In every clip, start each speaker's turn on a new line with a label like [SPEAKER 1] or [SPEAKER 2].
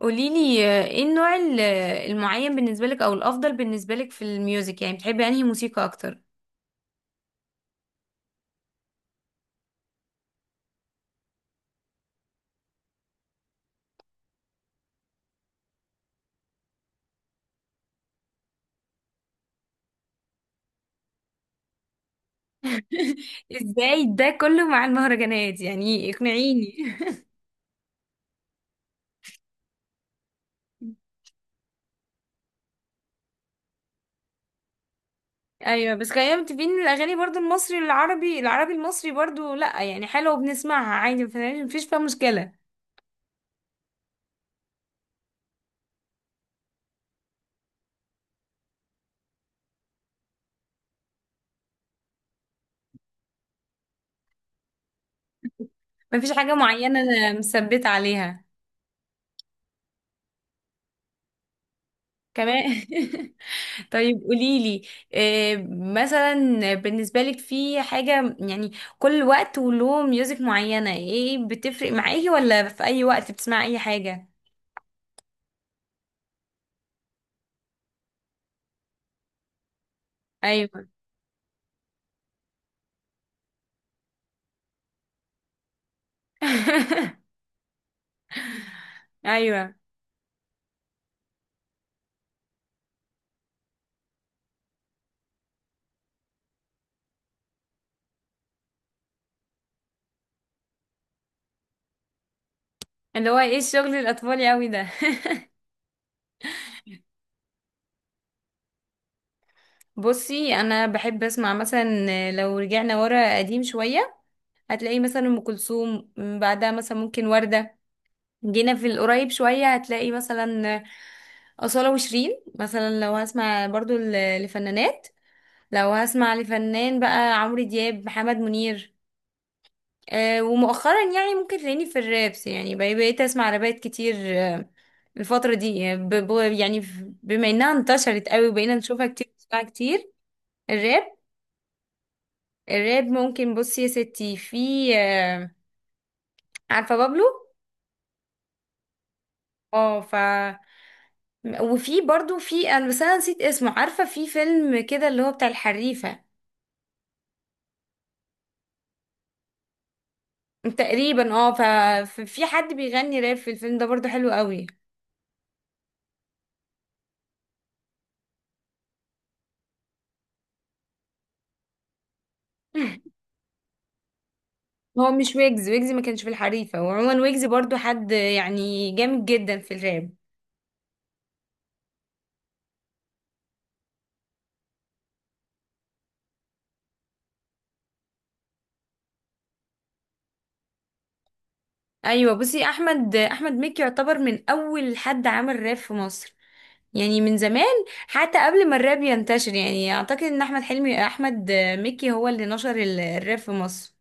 [SPEAKER 1] قوليلي، ايه النوع المعين بالنسبة لك او الافضل بالنسبة لك في الميوزك، يعني بتحبي انهي موسيقى اكتر؟ ازاي ده كله مع المهرجانات؟ يعني اقنعيني. ايوه، بس خلينا متفقين ان الاغاني برضو المصري العربي، العربي المصري برضو، لا يعني حلوه وبنسمعها عادي. مفيش فيها مشكلة. مفيش حاجة معينة انا مثبتة عليها. كمان. طيب، قوليلي، مثلا بالنسبة لك، في حاجة يعني كل وقت وله ميوزك معينة، ايه بتفرق معاكي ولا في أي وقت بتسمعي أي حاجة؟ أيوه. أيوه، اللي هو ايه الشغل الأطفالي أوي ده؟ بصي، أنا بحب أسمع مثلا، لو رجعنا ورا قديم شوية هتلاقي مثلا أم كلثوم، بعدها مثلا ممكن وردة. جينا في القريب شوية هتلاقي مثلا أصالة وشيرين، مثلا لو هسمع برضو لفنانات. لو هسمع لفنان بقى، عمرو دياب، محمد منير. ومؤخرا يعني ممكن تلاقيني في الرابس، يعني بقيت اسمع رابات كتير. الفترة دي، يعني بما انها انتشرت قوي وبقينا نشوفها كتير، نسمعها كتير. الراب الراب، ممكن، بصي يا ستي، في آه، عارفة بابلو؟ اه ف وفي برضو، في انا بس انا نسيت اسمه، عارفة في فيلم كده اللي هو بتاع الحريفة؟ تقريبا. اه ففي حد بيغني راب في الفيلم ده برضو، حلو قوي. هو مش ويجز؟ ويجز ما كانش في الحريفة، وعموما ويجز برضو حد يعني جامد جدا في الراب. ايوه، بصي احمد مكي يعتبر من اول حد عمل راب في مصر، يعني من زمان. حتى قبل ما الراب ينتشر، يعني اعتقد ان احمد مكي هو اللي نشر الراب في مصر.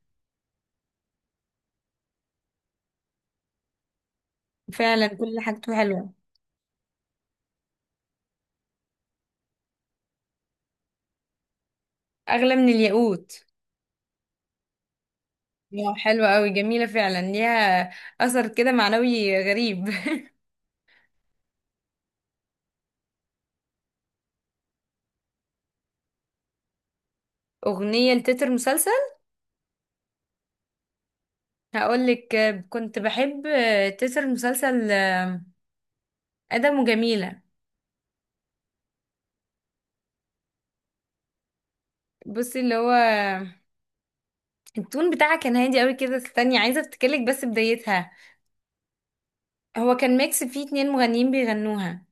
[SPEAKER 1] فعلا كل حاجته حلوة. اغلى من الياقوت. اه، حلوة قوي جميلة فعلا، ليها اثر كده معنوي غريب. اغنية لتتر مسلسل؟ هقولك، كنت بحب تتر مسلسل ادم وجميله. بصي، اللي هو التون بتاعها كان هادي قوي كده، استني عايزه افتكرلك بس بدايتها. هو كان ميكس فيه اتنين مغنيين بيغنوها.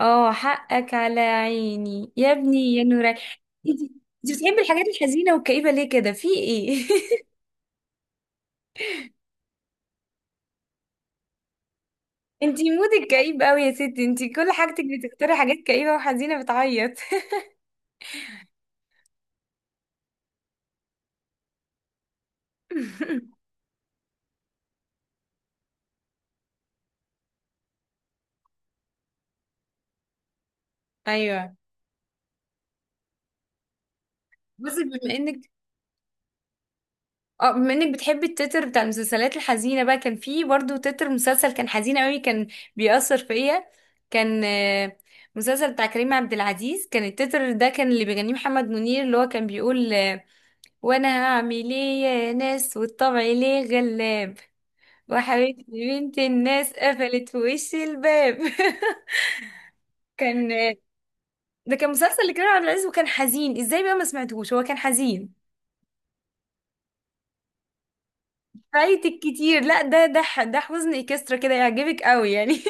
[SPEAKER 1] اه، حقك على عيني يا ابني يا نورك. انت بتحبي الحاجات الحزينه والكئيبه ليه كده، في ايه؟ انت مودك كئيب قوي يا ستي، انت كل حاجتك بتختاري حاجات كئيبه وحزينه بتعيط. ايوه، بصي بما انك بتحبي التتر بتاع المسلسلات الحزينه بقى، كان في برضو تتر مسلسل كان حزين قوي، كان بيأثر فيا. كان مسلسل بتاع كريم عبد العزيز، كان التتر ده، كان اللي بيغنيه محمد منير، اللي هو كان بيقول، وانا هعمل ايه يا ناس، والطبع ليه غلاب. وحبيبتي بنت الناس قفلت في وش الباب. كان. ده كان مسلسل لكريم عبد العزيز وكان حزين ازاي بقى، ما سمعتهوش؟ هو كان حزين. فايتك كتير، لا، ده حزن اكسترا كده، يعجبك قوي يعني.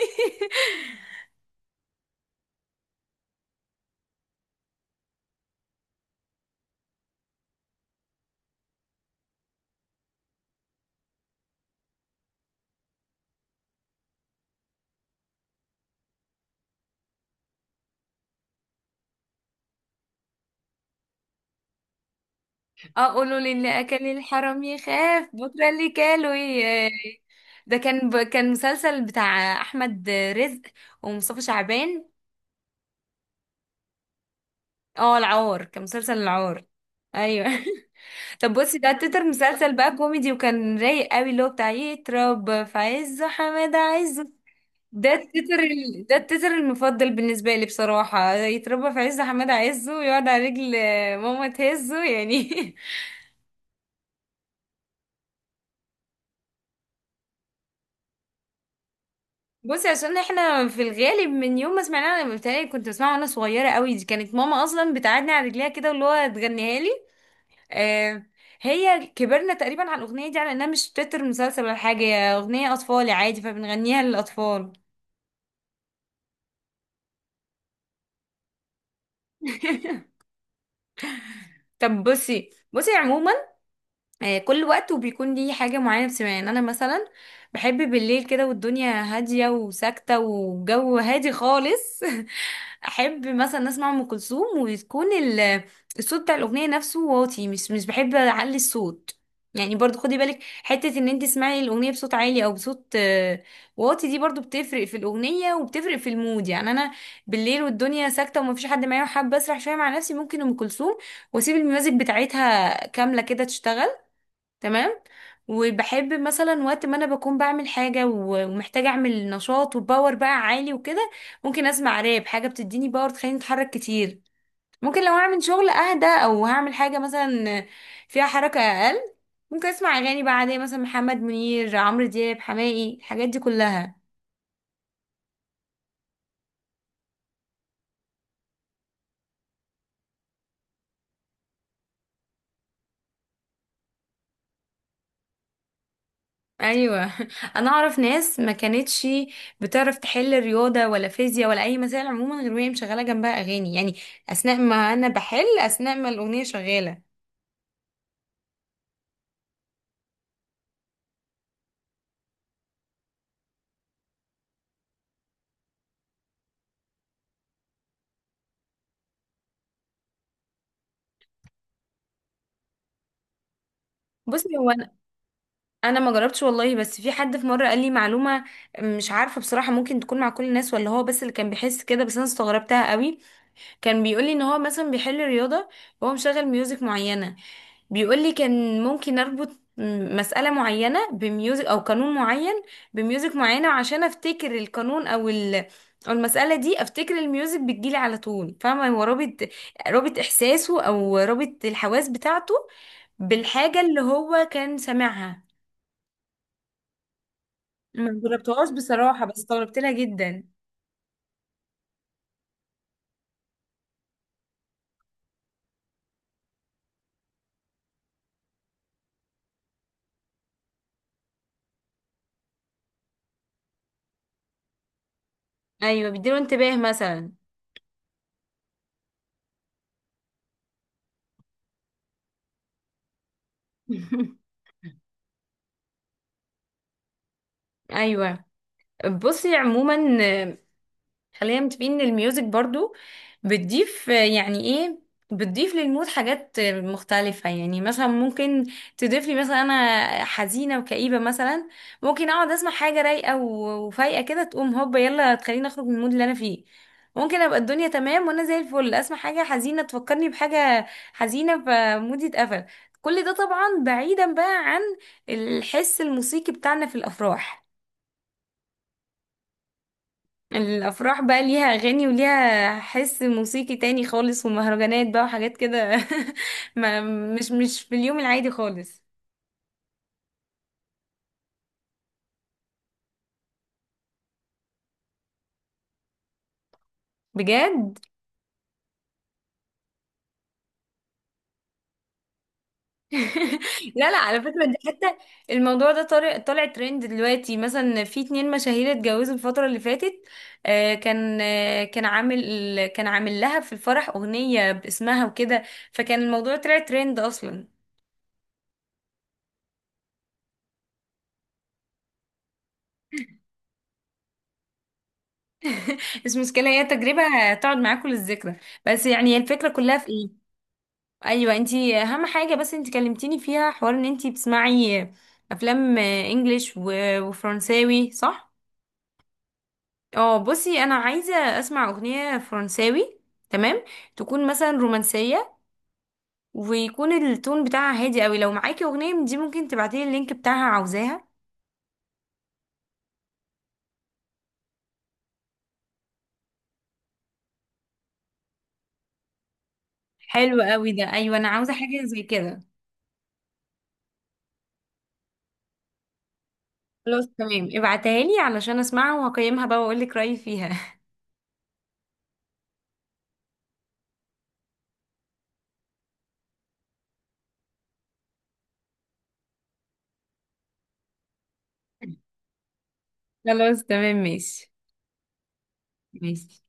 [SPEAKER 1] اقولوا للي اكل الحرام يخاف بكره اللي كاله ده كان كان مسلسل بتاع احمد رزق ومصطفى شعبان. اه، العار، كان مسلسل العار. ايوه. طب، بصي، ده تتر مسلسل بقى كوميدي وكان رايق قوي، اللي هو بتاع يترب في عزه حماده عزه. ده التتر المفضل بالنسبة لي بصراحة، يتربى في عز حماد عزه ويقعد على رجل ماما تهزه يعني. بصي، عشان احنا في الغالب من يوم ما سمعناه، انا بتهيألي كنت بسمعه وانا صغيرة قوي، دي كانت ماما اصلا بتقعدني على رجليها كده واللي هو تغنيها لي. آه هي كبرنا تقريبا على الاغنية دي، على انها مش تتر مسلسل ولا حاجة، هي اغنية اطفالي عادي، فبنغنيها للاطفال. طب، بصي عموما، كل وقت وبيكون ليه حاجة معينة بتسمعها. يعني أنا مثلا بحب بالليل كده والدنيا هادية وساكتة والجو هادي خالص. أحب مثلا أسمع أم كلثوم، وتكون الصوت بتاع الأغنية نفسه واطي، مش بحب أعلي الصوت. يعني برضو خدي بالك، حتة ان انت تسمعي الأغنية بصوت عالي أو بصوت واطي، دي برضو بتفرق في الأغنية وبتفرق في المود. يعني أنا بالليل والدنيا ساكتة ومفيش حد معايا وحابة أسرح شوية مع نفسي، ممكن أم كلثوم وأسيب الميوزك بتاعتها كاملة كده تشتغل. تمام. وبحب مثلا وقت ما انا بكون بعمل حاجة ومحتاجة اعمل نشاط وباور بقى عالي وكده، ممكن اسمع راب، حاجة بتديني باور تخليني اتحرك كتير. ممكن لو هعمل شغل اهدى او هعمل حاجة مثلا فيها حركة اقل، ممكن اسمع اغاني بقى عادية، مثلا محمد منير، عمرو دياب، حماقي، الحاجات دي كلها. ايوه. انا اعرف ناس ما كانتش بتعرف تحل رياضه ولا فيزياء ولا اي مسائل عموما، غير وهي مشغله جنبها اغاني، يعني اثناء ما انا بحل، اثناء ما الاغنيه شغاله. بصي، هو انا انا ما جربتش والله، بس في حد في مره قال لي معلومه، مش عارفه بصراحه ممكن تكون مع كل الناس ولا هو بس اللي كان بيحس كده، بس انا استغربتها قوي. كان بيقولي ان هو مثلا بيحل رياضة وهو مشغل ميوزك معينة، بيقولي كان ممكن اربط مسألة معينة بميوزك او قانون معين بميوزك معينة، عشان افتكر القانون او المسألة دي، افتكر الميوزك بتجيلي على طول، فاهمة؟ هو رابط احساسه، او رابط الحواس بتاعته بالحاجة اللي هو كان سامعها. ما جربتهاش بصراحة، بس استغربت لها جدا. ايوه، بيديله انتباه مثلا. ايوه، بصي عموما، خلينا متفقين ان الميوزك برضو بتضيف، يعني ايه، بتضيف للمود حاجات مختلفة. يعني مثلا ممكن تضيف لي مثلا، انا حزينة وكئيبة مثلا، ممكن اقعد اسمع حاجة رايقة وفايقة كده تقوم هوبا، يلا تخليني اخرج من المود اللي انا فيه. ممكن ابقى الدنيا تمام وانا زي الفل، اسمع حاجة حزينة تفكرني بحاجة حزينة فمودي اتقفل. كل ده طبعا بعيدا بقى عن الحس الموسيقي بتاعنا في الافراح. الافراح بقى ليها اغاني وليها حس موسيقي تاني خالص، ومهرجانات بقى وحاجات كده. ما مش مش في اليوم العادي خالص. بجد؟ لا، لا، على فكرة دي حتى الموضوع ده طالع ترند دلوقتي، مثلا في اتنين مشاهير اتجوزوا الفترة اللي فاتت، كان عامل لها في الفرح أغنية باسمها وكده، فكان الموضوع طلع ترند أصلا. بس المشكلة هي تجربة هتقعد معاكم للذكرى، بس يعني هي الفكرة كلها في ايه. ايوه، انتي اهم حاجه، بس انتي كلمتيني فيها حوار ان انتي بتسمعي افلام انجليش وفرنساوي، صح؟ اه، بصي انا عايزه اسمع اغنيه فرنساوي. تمام. تكون مثلا رومانسيه، ويكون التون بتاعها هادي قوي، لو معاكي اغنيه من دي ممكن تبعتيلي اللينك بتاعها، عاوزاها. حلو قوي ده، ايوه انا عاوزه حاجه زي كده. خلاص تمام، ابعتها لي علشان اسمعها وهقيمها بقى واقول لك رايي فيها. خلاص تمام، ماشي. ماشي.